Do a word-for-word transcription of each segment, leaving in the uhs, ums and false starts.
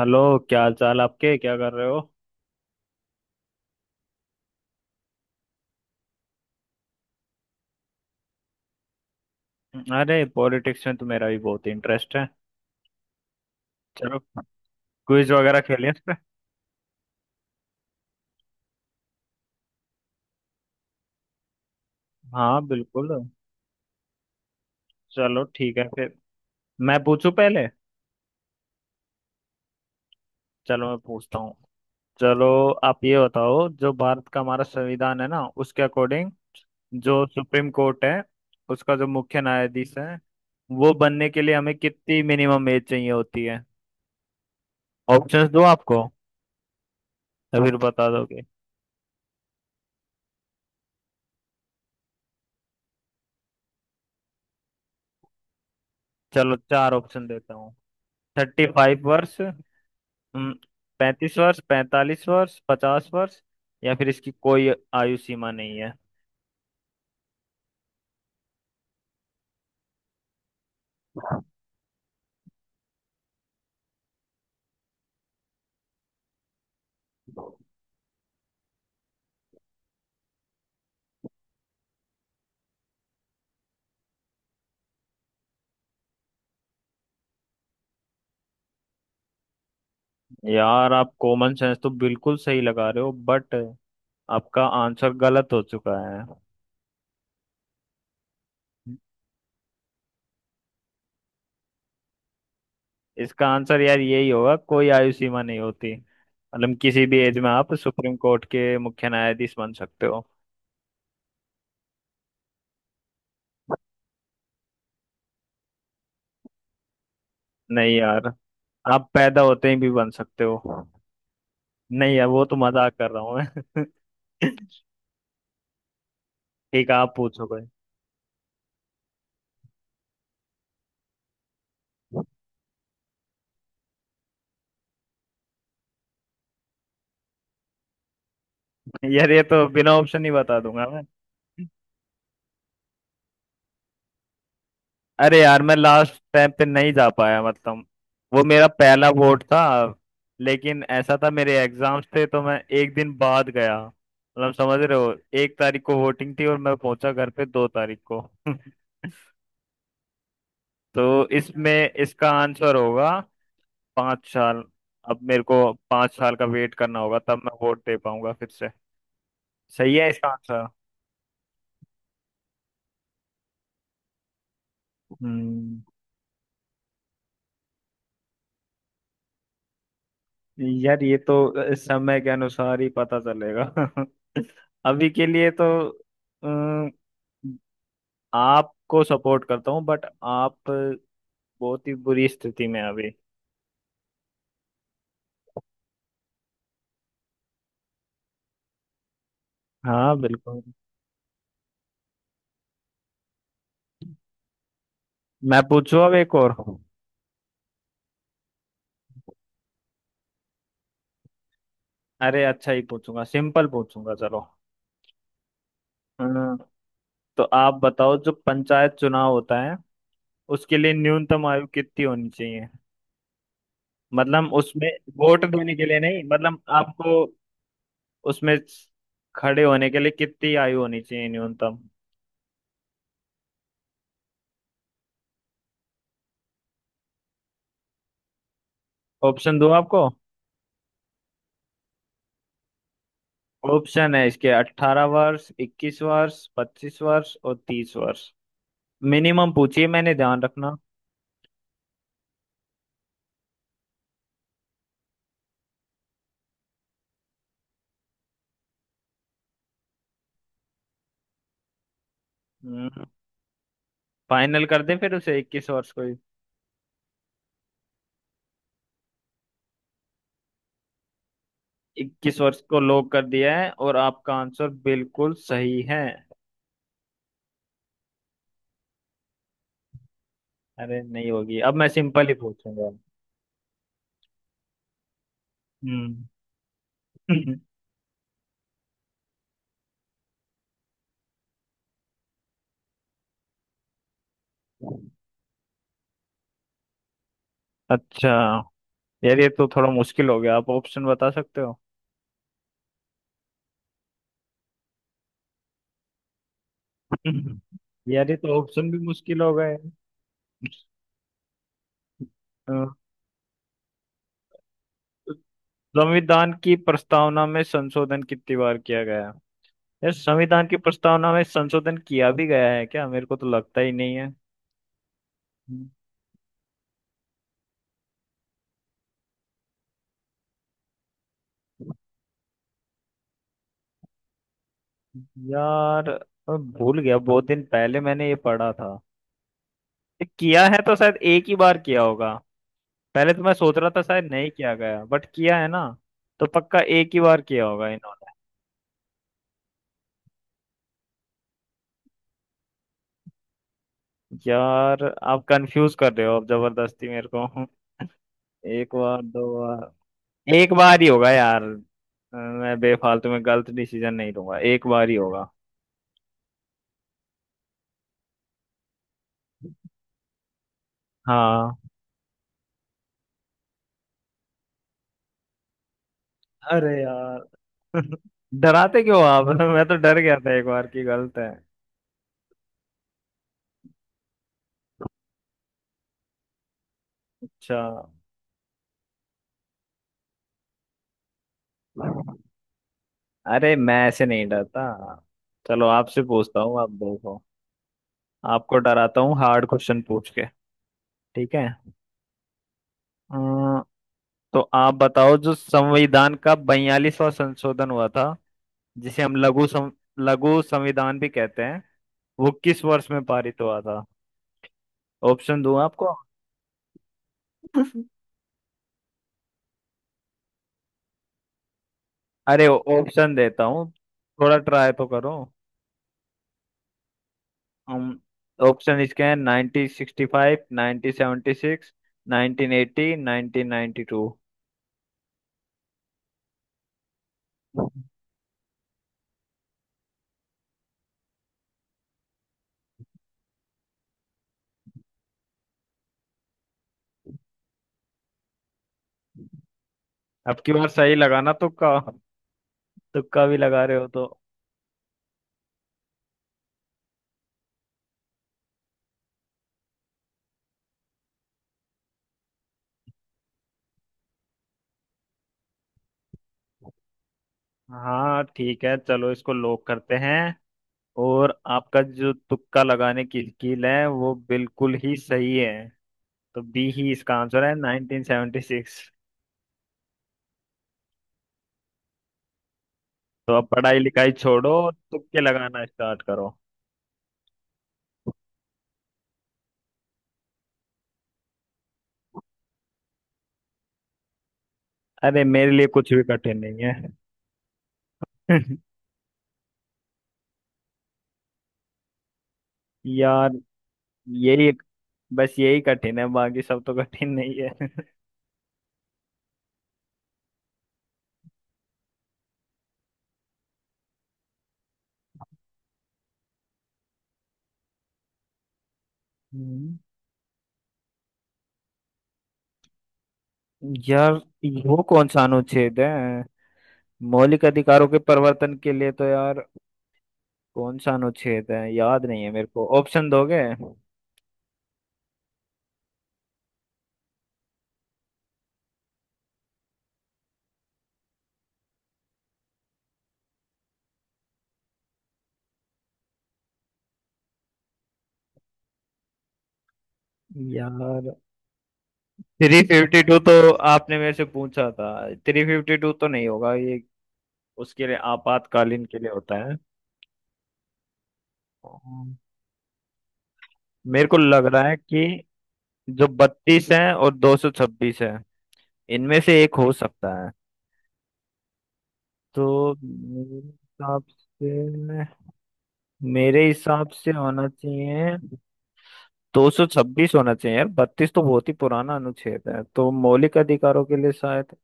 Hello! क्या हाल चाल आपके? क्या कर रहे हो? अरे, पॉलिटिक्स में तो मेरा भी बहुत इंटरेस्ट है। चलो, क्विज वगैरह खेलें इस पे। हाँ, बिल्कुल। चलो, ठीक है फिर। मैं पूछूं पहले? चलो, मैं पूछता हूँ। चलो। आप ये बताओ, जो भारत का हमारा संविधान है ना, उसके अकॉर्डिंग जो सुप्रीम कोर्ट है, उसका जो मुख्य न्यायाधीश है, वो बनने के लिए हमें कितनी मिनिमम एज चाहिए होती है? ऑप्शंस दो आपको या फिर बता दोगे? चलो, चार ऑप्शन देता हूँ। थर्टी फाइव वर्ष, पैंतीस वर्ष, पैंतालीस वर्ष, पचास वर्ष, या फिर इसकी कोई आयु सीमा नहीं है। यार, आप कॉमन सेंस तो बिल्कुल सही लगा रहे हो, बट आपका आंसर गलत हो चुका है। इसका आंसर यार यही होगा, कोई आयु सीमा नहीं होती, मतलब किसी भी एज में आप सुप्रीम कोर्ट के मुख्य न्यायाधीश बन सकते हो। नहीं यार, आप पैदा होते ही भी बन सकते हो। नहीं यार, वो तो मजाक कर रहा हूँ मैं। ठीक है, आप पूछो कोई। यार, ये तो बिना ऑप्शन ही बता दूंगा मैं। अरे यार, मैं लास्ट टाइम पे नहीं जा पाया, मतलब वो मेरा पहला वोट था। लेकिन ऐसा था, मेरे एग्जाम्स थे, तो मैं एक दिन बाद गया, मतलब समझ रहे हो? एक तारीख को वोटिंग थी और मैं पहुंचा घर पे दो तारीख को। तो इसमें इसका आंसर होगा पाँच साल। अब मेरे को पाँच साल का वेट करना होगा, तब मैं वोट दे पाऊंगा फिर से। सही है इसका आंसर। हम्म। यार, ये तो अ, समय के अनुसार ही पता चलेगा। अभी के लिए तो अम, आपको सपोर्ट करता हूँ, बट आप बहुत ही बुरी स्थिति में हैं अभी। हाँ, बिल्कुल। मैं पूछूं अब एक और? अरे, अच्छा ही पूछूंगा, सिंपल पूछूंगा, चलो। अम, तो आप बताओ, जो पंचायत चुनाव होता है उसके लिए न्यूनतम आयु कितनी होनी चाहिए? मतलब उसमें वोट देने के लिए नहीं, मतलब आपको उसमें खड़े होने के लिए कितनी आयु होनी चाहिए न्यूनतम? ऑप्शन दो आपको? ऑप्शन है इसके, अट्ठारह वर्ष, इक्कीस वर्ष, पच्चीस वर्ष और तीस वर्ष। मिनिमम पूछिए, मैंने ध्यान रखना। हम्म। फाइनल कर दे फिर उसे, इक्कीस वर्ष को ही। इक्कीस वर्ष को लॉक कर दिया है और आपका आंसर बिल्कुल सही है। अरे, नहीं होगी, अब मैं सिंपल ही पूछूंगा। हम्म। अच्छा। यार, ये तो थोड़ा मुश्किल हो गया, आप ऑप्शन बता सकते हो? यार, ये तो ऑप्शन भी मुश्किल हो गए। अ, संविधान की प्रस्तावना में संशोधन कितनी बार किया गया? यार, संविधान की प्रस्तावना में संशोधन किया भी गया है क्या? मेरे को तो लगता ही नहीं है। हम्म। यार, अ, भूल गया, बहुत दिन पहले मैंने ये पढ़ा था। ये किया है तो शायद एक ही बार किया होगा। पहले तो मैं सोच रहा था शायद नहीं किया गया, बट किया है ना। तो पक्का एक ही बार किया होगा इन्होंने। यार, आप कंफ्यूज कर रहे हो अब जबरदस्ती मेरे को। एक बार, दो बार, एक बार ही होगा यार। अ, मैं बेफालतू में गलत डिसीजन नहीं लूंगा, एक बार ही होगा। हाँ। अरे यार! डराते क्यों आप? मैं तो डर गया था, एक बार की गलत है। अच्छा। अरे, मैं ऐसे नहीं डरता। चलो, आपसे पूछता हूँ, आप देखो। आपको डराता हूँ हार्ड क्वेश्चन पूछ के। ठीक है। अम, तो आप बताओ, जो संविधान का बयालीसवां संशोधन हुआ था, जिसे हम लघु सं, लघु संविधान भी कहते हैं, वो किस वर्ष में पारित हुआ था? ऑप्शन दूं आपको? अरे, ऑप्शन देता हूँ, थोड़ा ट्राई तो करो। ऑप्शन इसके हैं, nineteen sixty five, nineteen seventy six, nineteen eighty, nineteen ninety two. अब की बार सही लगाना तुक्का। तुक्का भी लगा रहे हो तो। हाँ ठीक है, चलो, इसको लॉक करते हैं। और आपका जो तुक्का लगाने की स्किल है, वो बिल्कुल ही सही है। तो बी ही इसका आंसर है, नाइनटीन सेवेंटी सिक्स। तो अब पढ़ाई लिखाई छोड़ो और तुक्के लगाना स्टार्ट करो। अरे, मेरे लिए कुछ भी कठिन नहीं है। यार, यही, बस यही कठिन है, बाकी सब तो कठिन नहीं है। हम्म। यार, वो कौन सा अनुच्छेद है मौलिक अधिकारों के प्रवर्तन के लिए? तो यार, कौन सा अनुच्छेद है याद नहीं है मेरे को, ऑप्शन दोगे? यार, थ्री फिफ्टी टू तो आपने मेरे से पूछा था, थ्री फिफ्टी टू तो नहीं होगा ये, उसके लिए आपातकालीन के लिए होता है। मेरे को लग रहा है कि जो बत्तीस है और दो सौ छब्बीस है, इनमें से एक हो सकता है। तो मेरे हिसाब से मेरे हिसाब से होना चाहिए दो सौ छब्बीस। होना चाहिए यार, बत्तीस तो बहुत ही पुराना अनुच्छेद है, तो मौलिक अधिकारों के लिए शायद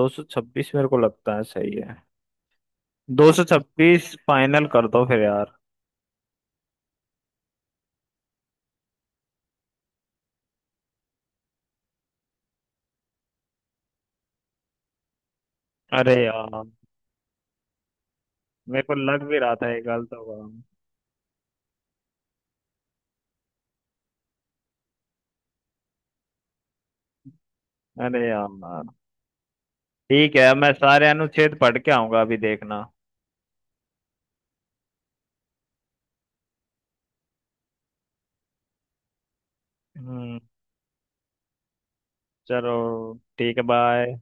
दो सौ छब्बीस मेरे को लगता है सही है। दो सौ छब्बीस फाइनल कर दो फिर यार। अरे यार, मेरे को लग भी रहा था ये गलत होगा। अरे यार! ठीक है, मैं सारे अनुच्छेद पढ़ के आऊंगा, अभी देखना। हम्म। चलो, ठीक है, बाय।